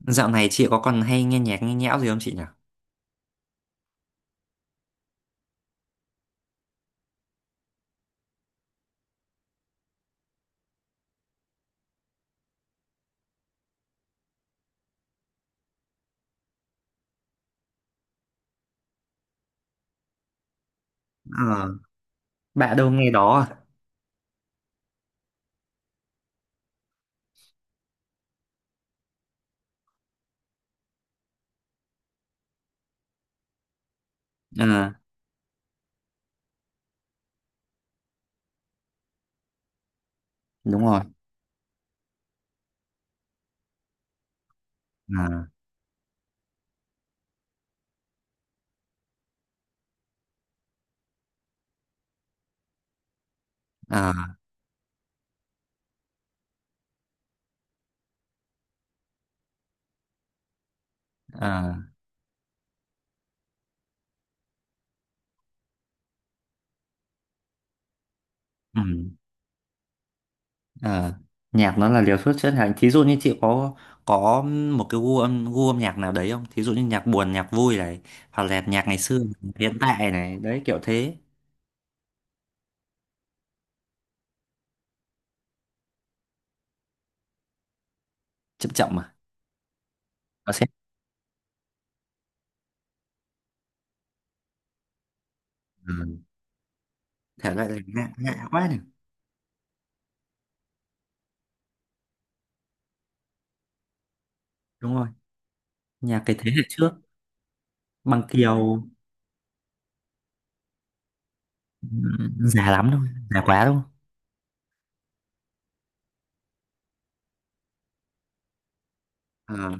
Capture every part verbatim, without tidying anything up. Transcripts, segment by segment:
Dạo này chị có còn hay nghe nhạc nghe nhẽo gì không chị nhỉ? Ờ, bạn đâu nghe đó à? Ờ, đúng rồi. Ờ, ờ, ờ, ừm, ờ. Nhạc nó là liều thuốc chữa lành. Thí dụ như chị có có một cái gu âm gu âm nhạc nào đấy không? Thí dụ như nhạc buồn, nhạc vui này, hoặc là nhạc ngày xưa, hiện tại này, đấy kiểu thế. Chậm chậm mà. Có xét. Ừ. Thể loại là lạ, lạ quá này. Đúng rồi. Nhạc cái thế hệ trước, Bằng Kiều, ừ, già lắm đâu, già quá đâu. Ờ,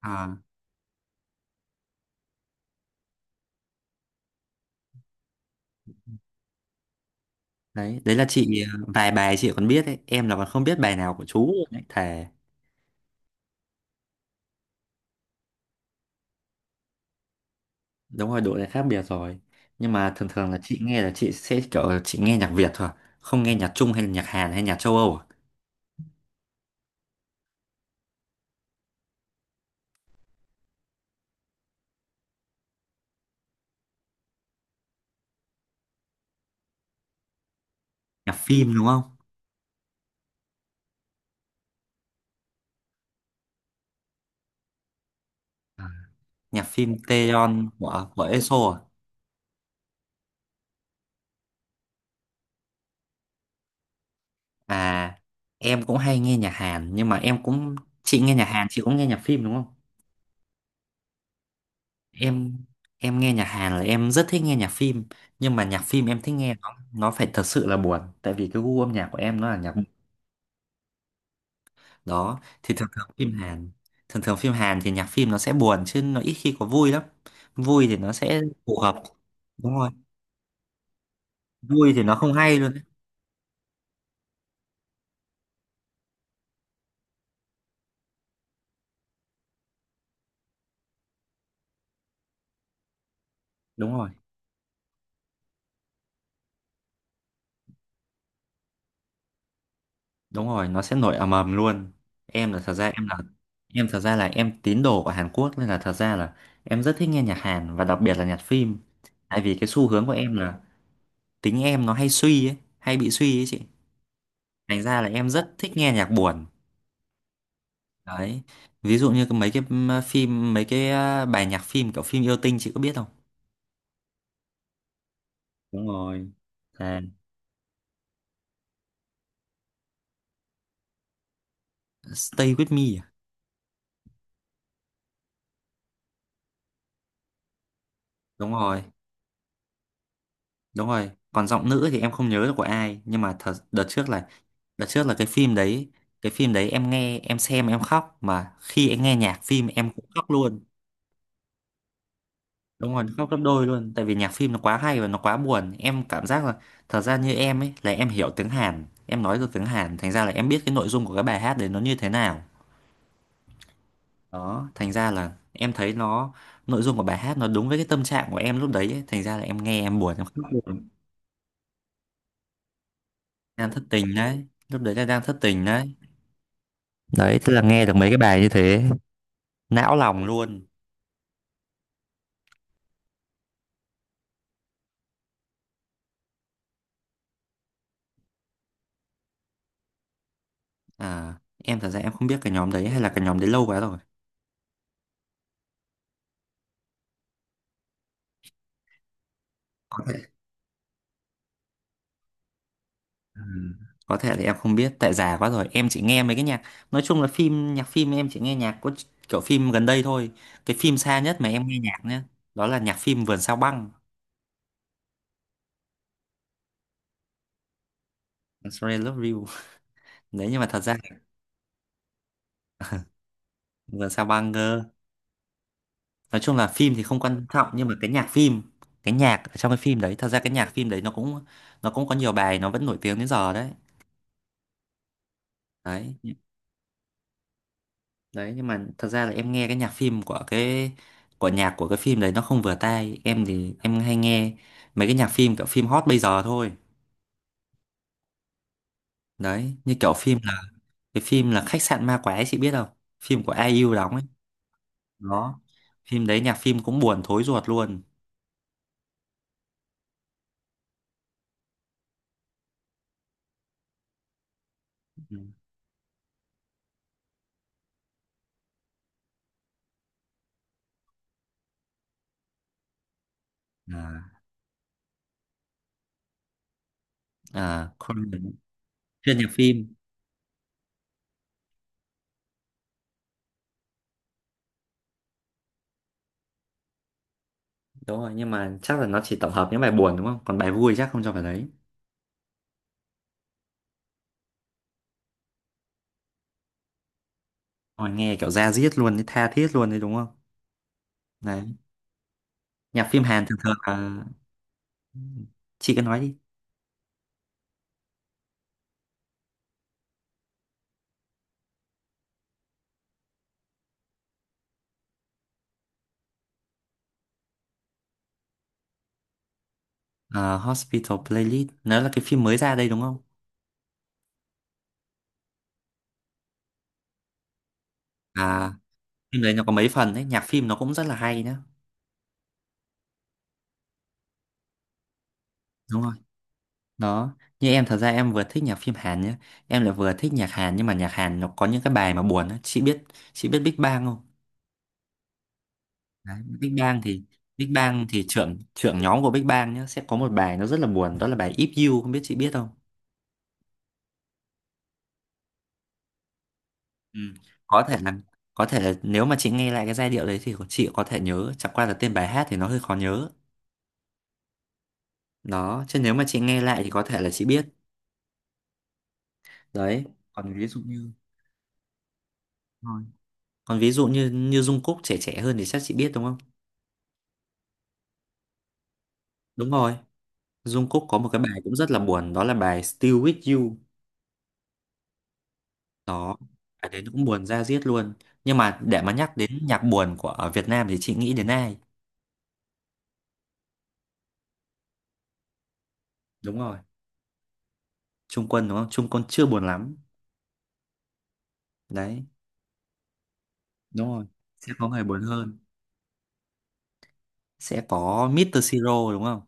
ờ. Đấy đấy là chị, ờ, vài bài chị còn biết ấy, em là còn không biết bài nào của chú luôn đấy thề. Đúng rồi, độ này khác biệt rồi. Nhưng mà thường thường là chị nghe là chị sẽ kiểu là chị nghe nhạc Việt thôi, không nghe nhạc Trung hay là nhạc Hàn hay nhạc châu Âu à? Nhạc phim đúng không? À, nhạc phim Taeyeon của của e ét o à? À, em cũng hay nghe nhạc Hàn nhưng mà em cũng, chị nghe nhạc Hàn chị cũng nghe nhạc phim đúng không? Em em nghe nhạc Hàn là em rất thích nghe nhạc phim, nhưng mà nhạc phim em thích nghe nó nó phải thật sự là buồn, tại vì cái gu âm nhạc của em nó là nhạc. Đó thì thường thường phim Hàn, thường thường phim Hàn thì nhạc phim nó sẽ buồn chứ nó ít khi có vui lắm. Vui thì nó sẽ phù hợp. Đúng rồi. Vui thì nó không hay luôn đấy. Đúng rồi, đúng rồi, nó sẽ nổi ầm ầm luôn. Em là thật ra em là Em thật ra là em tín đồ của Hàn Quốc nên là thật ra là em rất thích nghe nhạc Hàn và đặc biệt là nhạc phim, tại vì cái xu hướng của em là tính em nó hay suy ấy hay bị suy ấy chị. Thành ra là em rất thích nghe nhạc buồn. Đấy, ví dụ như cái- mấy cái m- phim, mấy cái, à, bài nhạc phim kiểu phim yêu tinh chị có biết không? Đúng rồi. À, Stay With Me à? Đúng rồi, đúng rồi, còn giọng nữ thì em không nhớ được của ai, nhưng mà thật, đợt trước là đợt trước là cái phim đấy, cái phim đấy em nghe em xem em khóc mà khi em nghe nhạc phim em cũng khóc luôn. Đúng rồi, khóc gấp đôi luôn tại vì nhạc phim nó quá hay và nó quá buồn, em cảm giác là thật ra như em ấy là em hiểu tiếng Hàn, em nói được tiếng Hàn, thành ra là em biết cái nội dung của cái bài hát đấy nó như thế nào. Đó, thành ra là em thấy nó, nội dung của bài hát nó đúng với cái tâm trạng của em lúc đấy ấy. Thành ra là em nghe em buồn em khóc luôn. Đang thất tình đấy, lúc đấy là đang thất tình đấy. Đấy, tức là nghe được mấy cái bài như thế, não lòng luôn. À, em thật ra em không biết cái nhóm đấy, hay là cái nhóm đấy lâu quá rồi. Có thể, ừ, có thể là em không biết tại già quá rồi, em chỉ nghe mấy cái nhạc, nói chung là phim, nhạc phim em chỉ nghe nhạc có kiểu phim gần đây thôi. Cái phim xa nhất mà em nghe nhạc nhá, đó là nhạc phim Vườn Sao Băng. Sorry, love you. Đấy, nhưng mà thật ra, vừa sao băng cơ. Nói chung là phim thì không quan trọng, nhưng mà cái nhạc phim, cái nhạc ở trong cái phim đấy, thật ra cái nhạc phim đấy nó cũng, nó cũng có nhiều bài nó vẫn nổi tiếng đến giờ đấy. Đấy nhị- đấy nhưng mà thật ra là em nghe cái nhạc phim của cái của nhạc của cái phim đấy nó không vừa tai em thì em hay nghe mấy cái nhạc phim kiểu phim hot bây giờ thôi. Đấy, như kiểu phim là cái phim là khách sạn ma quái chị biết không? Phim của ai IU đóng ấy. Đó, phim đấy nhạc phim cũng buồn thối ruột luôn. Ừ. À. À. Chuyên nhạc phim. Đúng rồi, nhưng mà chắc là nó chỉ tổng hợp những bài buồn đúng không? Còn bài vui chắc không cho vào đấy. Ôi, nghe kiểu da diết luôn, đấy, tha thiết luôn đấy đúng không? Đấy. Nhạc phim Hàn thường thường là... Chị cứ nói đi. Ờ, Hospital Playlist, nó là cái phim mới ra đây đúng không? À, phim đấy nó có mấy phần đấy, nhạc phim nó cũng rất là hay nhá. Đúng rồi. Đó, như em thật ra em vừa thích nhạc phim Hàn nhá. Em lại vừa thích nhạc Hàn, nhưng mà nhạc Hàn nó có những cái bài mà buồn á. Chị biết, chị biết Big Bang không? Đấy, Big Bang thì, Big Bang thì trưởng trưởng nhóm của Big Bang nhá sẽ có một bài nó rất là buồn, đó là bài If You, không biết chị biết không. Ừ, có thể là có thể là nếu mà chị nghe lại cái giai điệu đấy thì chị có thể nhớ, chẳng qua là tên bài hát thì nó hơi khó nhớ, đó, chứ nếu mà chị nghe lại thì có thể là chị biết. Đấy, còn ví dụ như, rồi, còn ví dụ như như Jungkook trẻ trẻ hơn thì chắc chị biết đúng không? Đúng rồi, Jungkook có một cái bài cũng rất là buồn, đó là bài Still With You. Đó, cái đấy cũng buồn da diết luôn. Nhưng mà để mà nhắc đến nhạc buồn của ở Việt Nam thì chị nghĩ đến ai? Đúng rồi, Trung Quân đúng không? Trung Quân chưa buồn lắm. Đấy, đúng rồi. Sẽ có người buồn hơn. Sẽ có mít tơ Siro đúng không?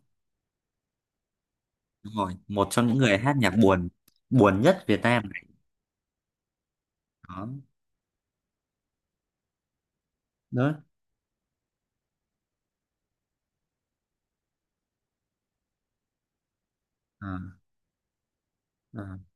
Đúng rồi, một trong những người hát nhạc buồn, buồn nhất Việt Nam này. Đó, đó. À, à.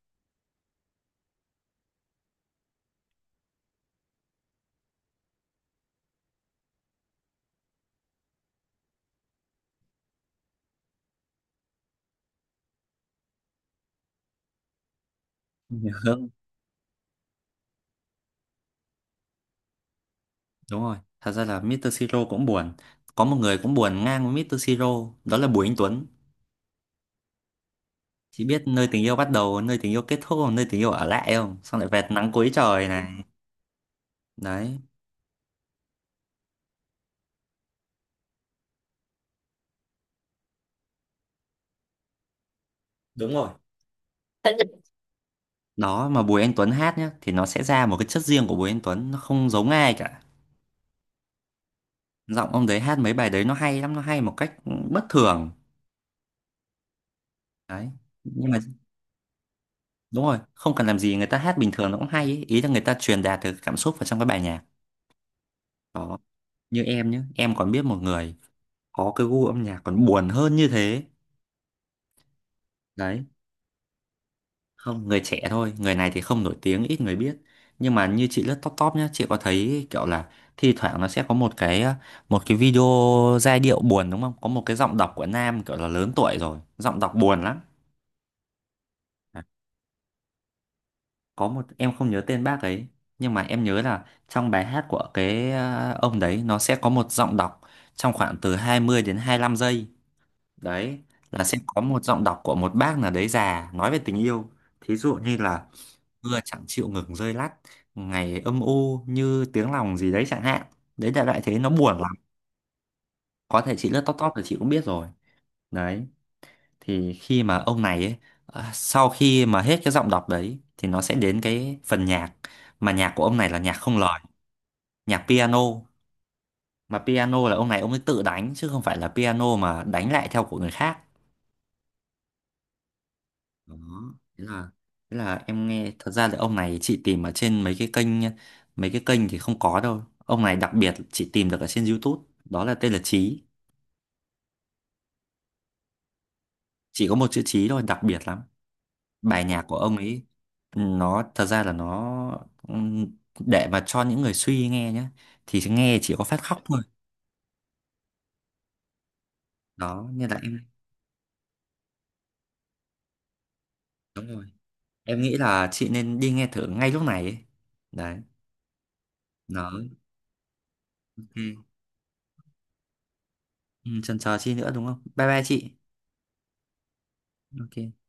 Nhớ không? Đúng rồi, thật ra là mít tơ Siro cũng buồn. Có một người cũng buồn ngang với mít tơ Siro, đó là Bùi Anh Tuấn. Chị biết nơi tình yêu bắt đầu, nơi tình yêu kết thúc, nơi tình yêu ở lại không? Xong lại về nắng cuối trời này. Đấy, đúng rồi. Đó, mà Bùi Anh Tuấn hát nhá thì nó sẽ ra một cái chất riêng của Bùi Anh Tuấn, nó không giống ai cả. Giọng ông đấy hát mấy bài đấy nó hay lắm, nó hay một cách bất thường. Đấy. Nhưng mà đúng rồi, không cần làm gì người ta hát bình thường nó cũng hay ý, ý là người ta truyền đạt được cảm xúc vào trong cái bài nhạc. Đó, như em nhá, em còn biết một người có cái gu âm nhạc còn buồn hơn như thế. Đấy, không, người trẻ thôi, người này thì không nổi tiếng, ít người biết, nhưng mà như chị lướt top top nhá chị có thấy kiểu là thi thoảng nó sẽ có một cái, ờ, một cái video, giai điệu buồn đúng không, có một cái giọng đọc của nam kiểu là lớn tuổi rồi, giọng đọc buồn lắm. À, có một, em không nhớ tên bác ấy, nhưng mà em nhớ là trong bài hát của cái, ờ, ông đấy nó sẽ có một giọng đọc trong khoảng từ hai mươi đến hai lăm giây, đấy, là sẽ có một giọng đọc của một bác nào đấy già nói về tình yêu. Thí dụ như là mưa chẳng chịu ngừng rơi lắt, ngày âm u như tiếng lòng gì đấy chẳng hạn, đấy đại loại thế nó buồn lắm. Có thể chị lướt top top thì chị cũng biết rồi. Đấy, thì khi mà ông này ấy, à, sau khi mà hết cái giọng đọc đấy thì nó sẽ đến cái phần nhạc, mà nhạc của ông này là nhạc không lời, nhạc piano, mà piano là ông này ông ấy tự đánh chứ không phải là piano mà đánh lại theo của người khác. Đó, thế là, thế là em nghe, thật ra là ông này chị tìm ở trên mấy cái kênh, mấy cái kênh thì không có đâu, ông này đặc biệt chị tìm được ở trên YouTube, đó là tên là Chí, chỉ có một chữ Chí thôi, đặc biệt lắm. Bài nhạc của ông ấy, nó thật ra là nó, ừm, để mà cho những người suy nghe nhá thì nghe chỉ có phát khóc thôi. Đó nên là em, đúng rồi, em nghĩ là chị nên đi nghe thử ngay lúc này ấy. Đấy, nó, ok. Ừ, chần chờ chi nữa đúng không, bye bye chị. Ok.